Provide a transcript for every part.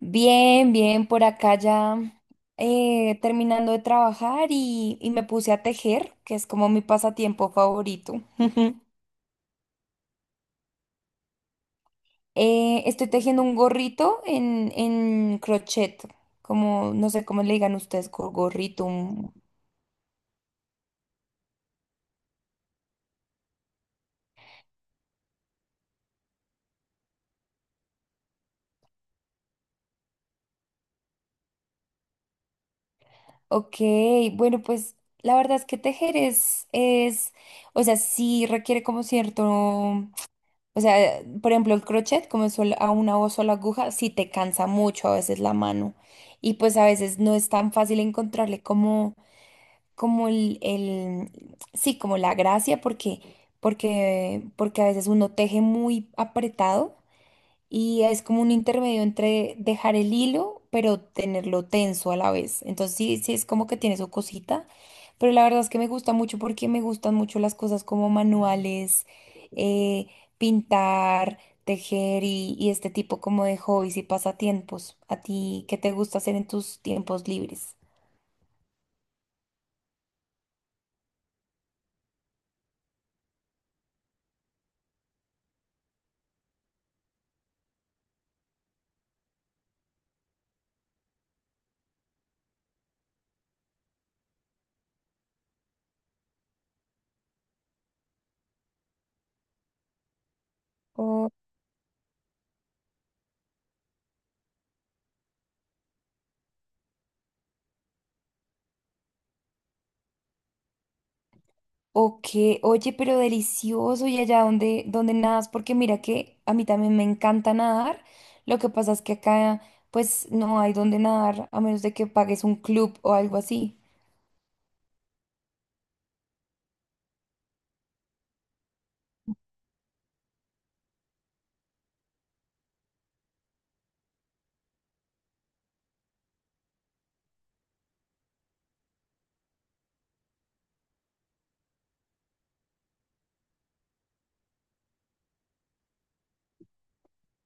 Bien, bien, por acá ya terminando de trabajar y me puse a tejer, que es como mi pasatiempo favorito. Estoy tejiendo un gorrito en crochet, como no sé cómo le digan ustedes, gorrito. Ok, bueno, pues la verdad es que tejer o sea, sí requiere como cierto. O sea, por ejemplo, el crochet, como es a una o sola aguja, sí te cansa mucho a veces la mano. Y pues a veces no es tan fácil encontrarle como sí, como la gracia, porque a veces uno teje muy apretado y es como un intermedio entre dejar el hilo, pero tenerlo tenso a la vez. Entonces sí, sí es como que tiene su cosita, pero la verdad es que me gusta mucho porque me gustan mucho las cosas como manuales, eh, pintar, tejer y este tipo como de hobbies y pasatiempos. ¿A ti qué te gusta hacer en tus tiempos libres? Ok, oye, pero delicioso y allá donde nadas, porque mira que a mí también me encanta nadar. Lo que pasa es que acá pues no hay donde nadar a menos de que pagues un club o algo así.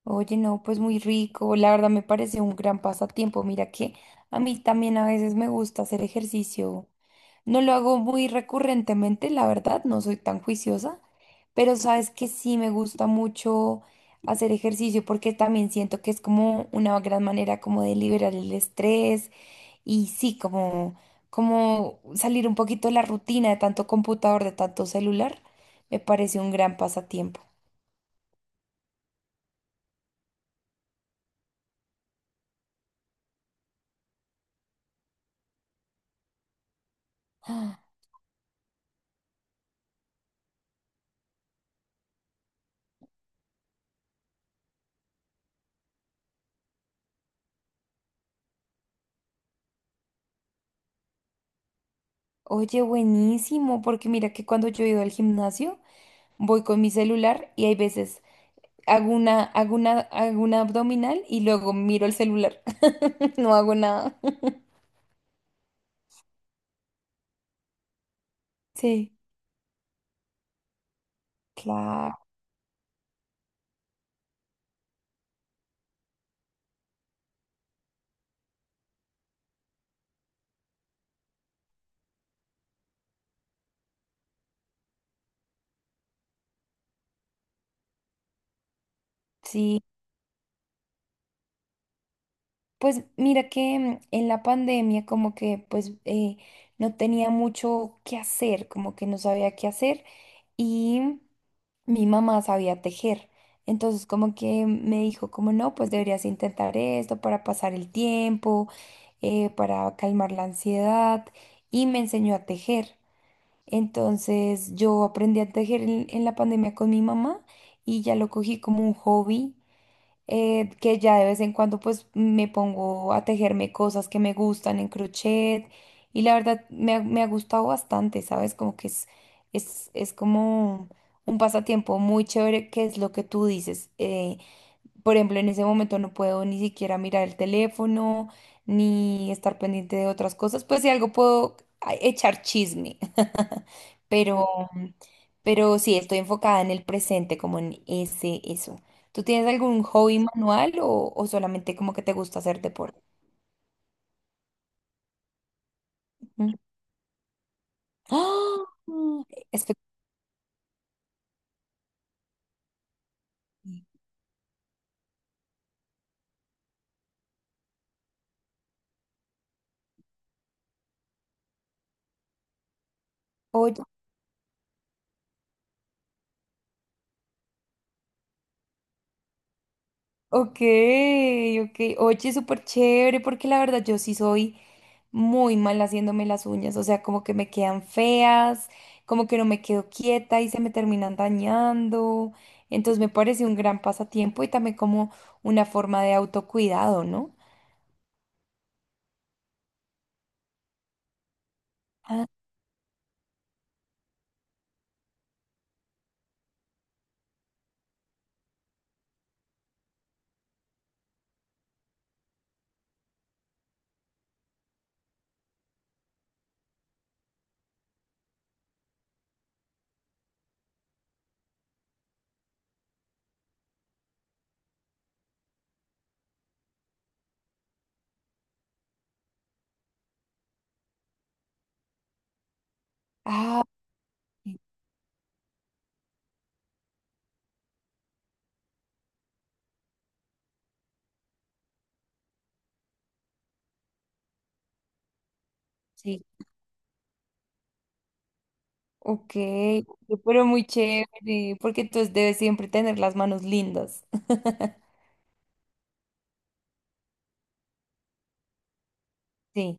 Oye, no, pues muy rico. La verdad me parece un gran pasatiempo. Mira que a mí también a veces me gusta hacer ejercicio. No lo hago muy recurrentemente, la verdad, no soy tan juiciosa, pero sabes que sí me gusta mucho hacer ejercicio porque también siento que es como una gran manera como de liberar el estrés y sí, como, como salir un poquito de la rutina de tanto computador, de tanto celular, me parece un gran pasatiempo. Ah, oye, buenísimo, porque mira que cuando yo he ido al gimnasio, voy con mi celular y hay veces hago una abdominal y luego miro el celular. No hago nada. Sí, claro, sí. Pues mira que en la pandemia como que pues no tenía mucho que hacer, como que no sabía qué hacer y mi mamá sabía tejer. Entonces como que me dijo como no, pues deberías intentar esto para pasar el tiempo, para calmar la ansiedad y me enseñó a tejer. Entonces yo aprendí a tejer en la pandemia con mi mamá y ya lo cogí como un hobby, que ya de vez en cuando pues me pongo a tejerme cosas que me gustan en crochet y la verdad me ha gustado bastante, ¿sabes? Como que es como un pasatiempo muy chévere que es lo que tú dices. Eh, por ejemplo, en ese momento no puedo ni siquiera mirar el teléfono, ni estar pendiente de otras cosas. Pues si algo puedo echar chisme. Pero, pero sí, estoy enfocada en el presente, como en ese, eso. ¿Tú tienes algún hobby manual o solamente como que te gusta hacer deporte? Mm. ¡Ah! Espe- Oye, ok, ok. Oye, súper chévere, porque la verdad yo sí soy muy mal haciéndome las uñas, o sea, como que me quedan feas, como que no me quedo quieta y se me terminan dañando. Entonces me parece un gran pasatiempo y también como una forma de autocuidado, ¿no? Ah, ah, sí, ok, pero muy chévere, porque entonces debes siempre tener las manos lindas. Sí.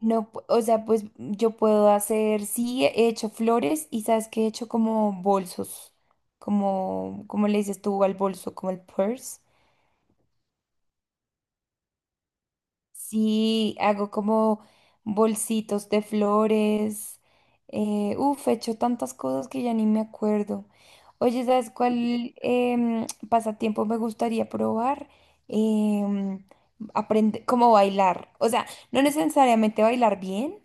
No, o sea, pues yo puedo hacer, sí, he hecho flores y sabes que he hecho como bolsos, como, como le dices tú al bolso, como el purse. Sí, hago como bolsitos de flores. Uf, he hecho tantas cosas que ya ni me acuerdo. Oye, ¿sabes cuál pasatiempo me gustaría probar? Em, como bailar. O sea, no necesariamente bailar bien,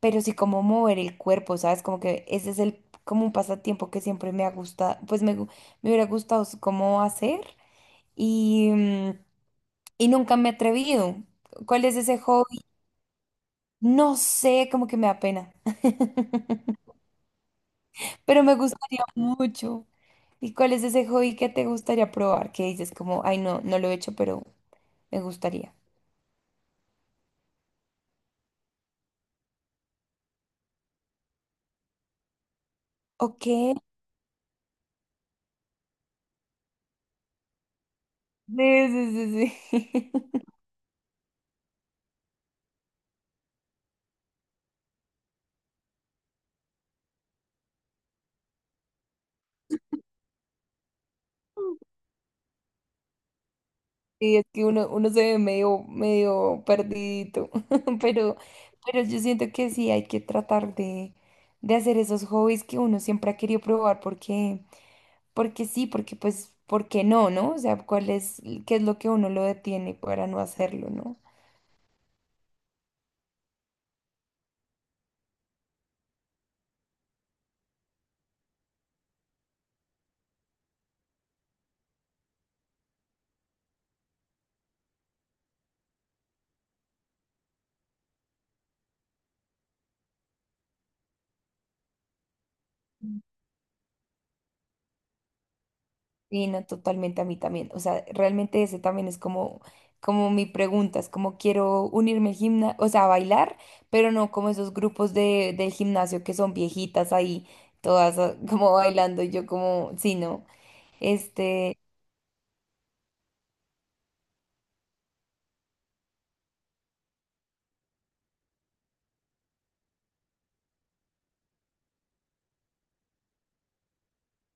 pero sí como mover el cuerpo, ¿sabes? Como que ese es el, como un pasatiempo que siempre me ha gustado, pues me hubiera gustado como hacer. Y... y nunca me he atrevido. ¿Cuál es ese hobby? No sé, como que me da pena, pero me gustaría mucho. ¿Y cuál es ese hobby que te gustaría probar? Que dices como, ay, no, no lo he hecho, pero me gustaría. Ok. Sí, sí, sí, sí. Sí, es que uno, uno se ve medio, medio perdidito, pero, pero yo siento que sí hay que tratar de hacer esos hobbies que uno siempre ha querido probar porque, porque sí, porque pues, ¿por qué no, no? O sea, ¿cuál es, qué es lo que a uno lo detiene para no hacerlo, no? Y no, totalmente a mí también. O sea, realmente ese también es como, como mi pregunta, es como quiero unirme al gimnasio, o sea, a bailar, pero no como esos del gimnasio que son viejitas ahí, todas ah, como bailando, y yo como, sí, no, este,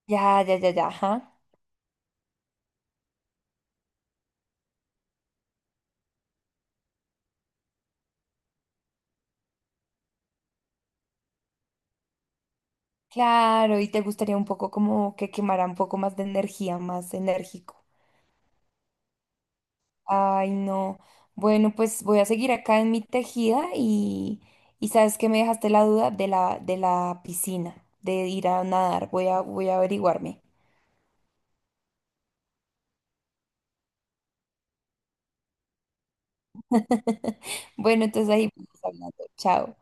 ya, ya, ya, ya, ajá. Claro, y te gustaría un poco como que quemara un poco más de energía, más enérgico. Ay, no. Bueno, pues voy a seguir acá en mi tejida y sabes que me dejaste la duda de de la piscina, de ir a nadar. Voy a averiguarme. Bueno, entonces ahí vamos hablando. Chao.